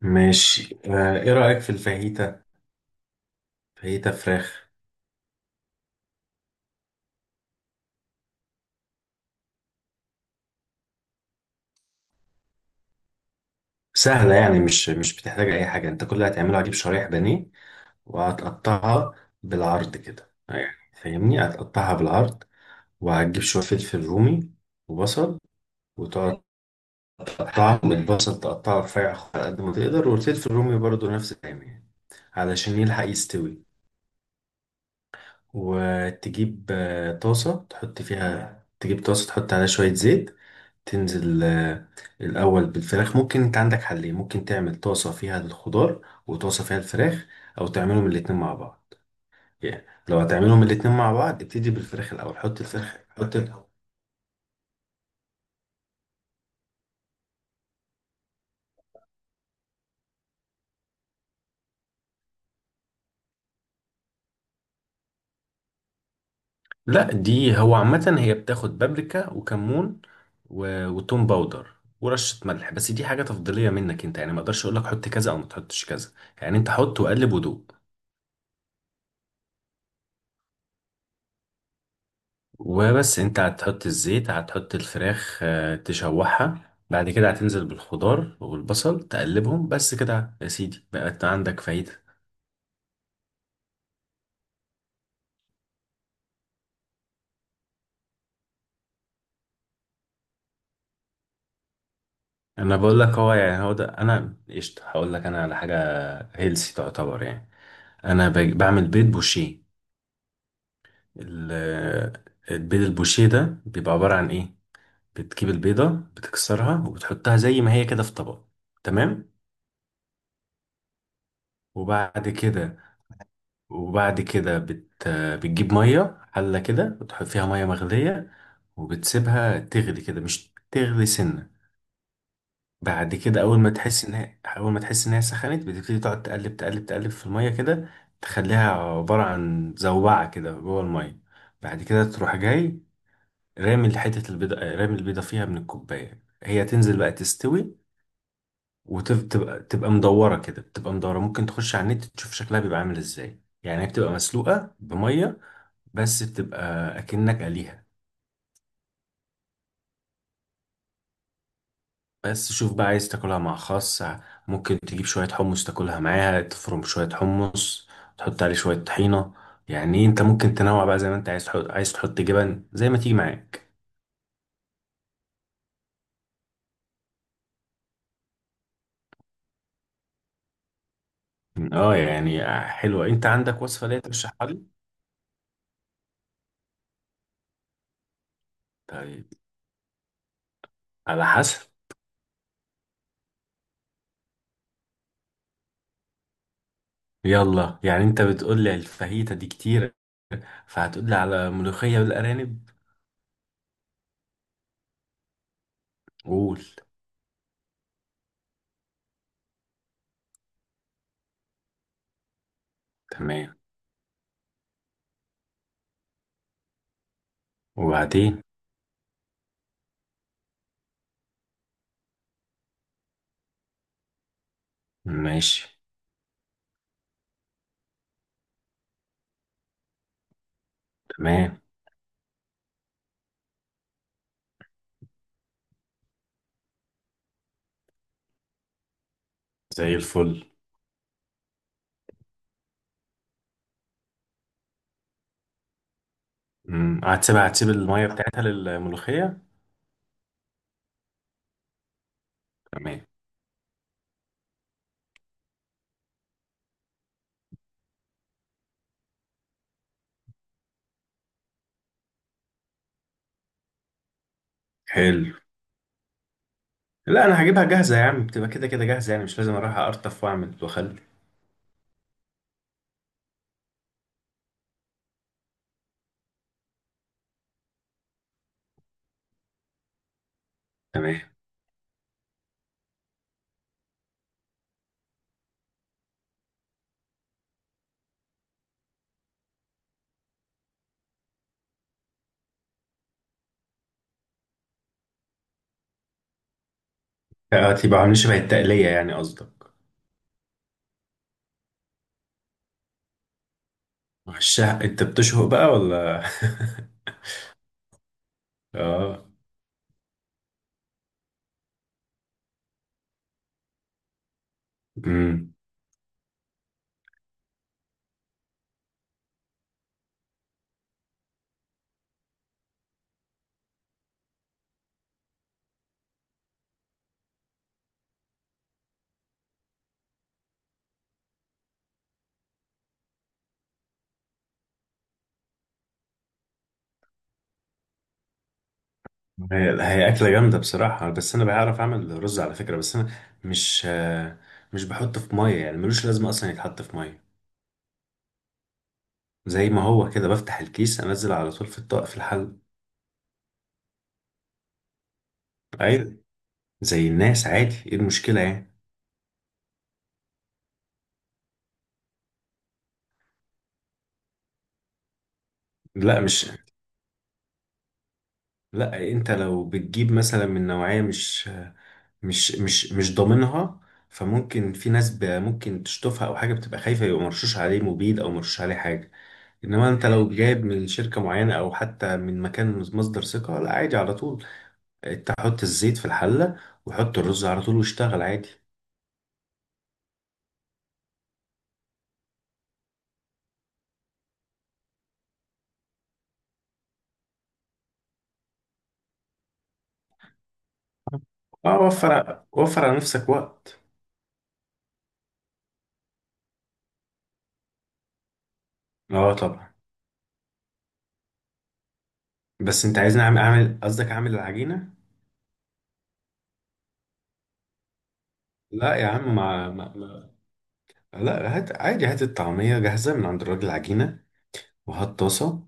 ماشي آه، ايه رأيك في الفاهيتا؟ فاهيتا فراخ. سهلة يعني مش بتحتاج اي حاجة. انت كل اللي هتعمله هتجيب شرايح بانيه وهتقطعها بالعرض كده، يعني فاهمني، هتقطعها بالعرض. وهتجيب شوية فلفل رومي وبصل، وتقعد تقطعهم. البصل تقطعه رفيع على قد ما تقدر، والفلفل الرومي برضو نفس الكلام، يعني علشان يلحق يستوي. وتجيب طاسة تحط فيها، تجيب طاسة تحط عليها شوية زيت، تنزل الأول بالفراخ. ممكن أنت عندك حلين، ممكن تعمل طاسة فيها الخضار وطاسة فيها الفراخ، أو تعملهم الاتنين مع بعض. يعني لو هتعملهم الاتنين مع بعض، ابتدي بالفراخ الأول، حط الفراخ، لا، دي هو عامة هي بتاخد بابريكا وكمون وتوم باودر ورشة ملح، بس دي حاجة تفضيلية منك انت، يعني ما اقدرش اقول لك حط كذا او ما تحطش كذا. يعني انت حط وقلب ودوق وبس. انت هتحط الزيت، هتحط الفراخ تشوحها، بعد كده هتنزل بالخضار والبصل، تقلبهم بس كده يا سيدي، بقت عندك فايدة. انا بقول لك هو، يعني هو ده. انا قشطة هقول لك انا على حاجة هيلسي تعتبر يعني. انا بعمل بيض بوشيه. ال- البيض البوشيه ده بيبقى عبارة عن ايه؟ بتجيب البيضة، بتكسرها وبتحطها زي ما هي كده في طبق، تمام. وبعد كده بتجيب مية، حلة كده وتحط فيها مية مغلية، وبتسيبها تغلي كده، مش تغلي سنة. بعد كده أول ما تحس إن هي سخنت، بتبتدي تقعد تقلب تقلب تقلب في المية كده، تخليها عبارة عن زوبعة كده جوه المية. بعد كده تروح جاي رامي حتة البيضة، رامي البيضة فيها من الكوباية، هي تنزل بقى تستوي وتبقى مدورة كده، بتبقى مدورة. ممكن تخش على النت تشوف شكلها بيبقى عامل إزاي، يعني هي بتبقى مسلوقة بمية، بس بتبقى اكنك قليها. بس شوف بقى، عايز تاكلها مع خس، ممكن تجيب شوية حمص تاكلها معاها، تفرم شوية حمص، تحط عليه شوية طحينة. يعني انت ممكن تنوع بقى زي ما انت عايز تحط جبن، زي ما تيجي معاك. اه يعني حلوة. انت عندك وصفة ليا ترشحها لي؟ طيب، على حسب. يلا، يعني انت بتقول لي الفاهيتا دي كتير، فهتقول لي على ملوخية بالارانب. قول. تمام. وبعدين. ماشي. تمام. زي الفل. هتسيب الميه بتاعتها للملوخيه. تمام. حلو. لا انا هجيبها جاهزه يا عم، بتبقى كده كده جاهزه، يعني مش لازم اروح ارطف واعمل واخلي. تمام. آه، تبقى عاملين شبه التقليه يعني قصدك. وشها انت بتشهق بقى ولا؟ اه. امم هي هي اكله جامده بصراحه، بس انا بعرف اعمل رز على فكره. بس انا مش آه، مش بحطه في ميه، يعني ملوش لازمه اصلا يتحط في ميه. زي ما هو كده، بفتح الكيس انزل على طول في الطاق في الحل. ايوه، زي الناس عادي، ايه المشكله يعني؟ لا مش لا، انت لو بتجيب مثلا من نوعية مش ضامنها، فممكن في ناس ممكن تشطفها او حاجة، بتبقى خايفة يبقى مرشوش عليه مبيد او مرشوش عليه حاجة. انما انت لو جايب من شركة معينة او حتى من مكان مصدر ثقة، لا عادي على طول. انت حط الزيت في الحلة، وحط الرز على طول، واشتغل عادي. اه، وفر وفر على نفسك وقت. اه طبعا. بس انت عايزني اعمل قصدك اعمل العجينة؟ لا يا عم ما ما, لا، هات عادي، هات الطعمية جاهزة من عند الراجل عجينة، وهات طاسة،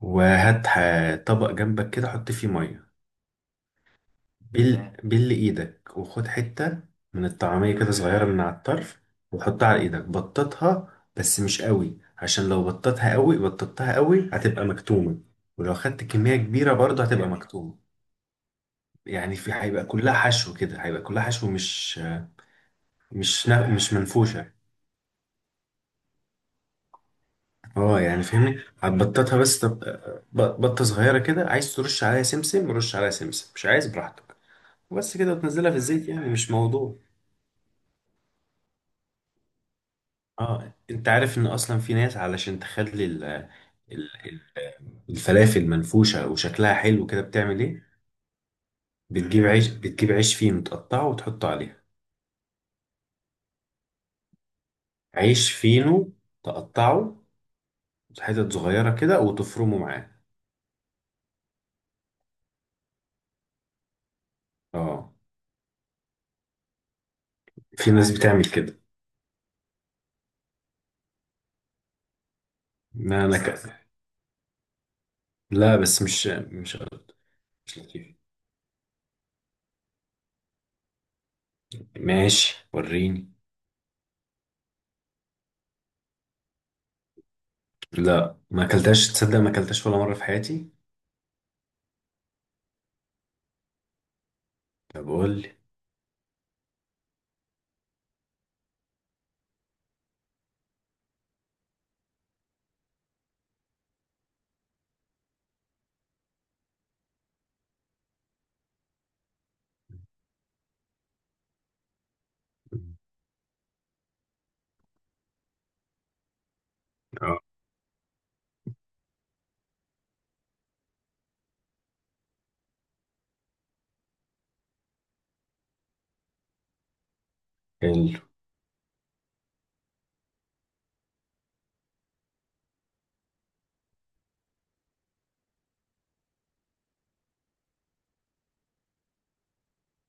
طبق جنبك كده حط فيه مية. بل مم. بل ايدك وخد حتة من الطعمية كده صغيرة من على الطرف، وحطها على ايدك، بططها بس مش قوي، عشان لو بططها قوي بططتها قوي هتبقى مكتومة، ولو خدت كمية كبيرة برضه هتبقى مكتومة. يعني في هيبقى كلها حشو كده، هيبقى كلها حشو، مش منفوشة. اه يعني فهمني، هتبططها بس بطة صغيرة كده، عايز ترش عليها سمسم، رش عليها سمسم مش عايز براحتك، وبس كده، وتنزلها في الزيت يعني، مش موضوع. اه، انت عارف ان اصلا في ناس علشان تخلي ال- الفلافل منفوشة وشكلها حلو كده بتعمل ايه؟ بتجيب عيش فينو تقطعه وتحطه عليها. عيش فينو تقطعه حتت صغيرة كده وتفرمه معاه. اه، في ناس بتعمل كده. ما انا ك... لا، بس مش لطيف. ماشي وريني. لا ما اكلتهاش تصدق، ما اكلتهاش ولا مرة في حياتي. طب قول لي. اه. حلو.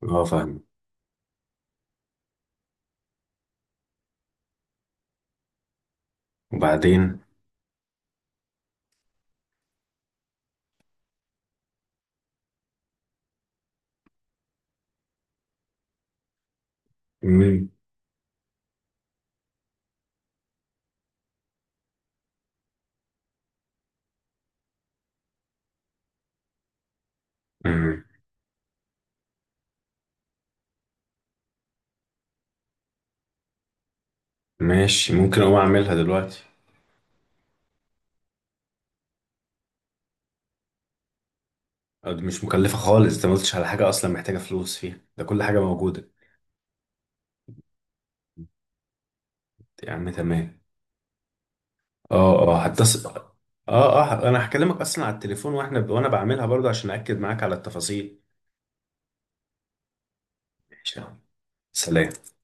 اه فاهم. وبعدين. مم. مم. ماشي، ممكن اقوم اعملها دلوقتي. أه، دي مش مكلفة خالص، انت ما قلتش على حاجة اصلا محتاجة فلوس فيها، ده كل حاجة موجودة. يا عم تمام. اه اه، هتصل. اه اه، انا هكلمك اصلا على التليفون وانا بعملها برضه عشان اكد معاك على التفاصيل. ماشي يا عم. سلام.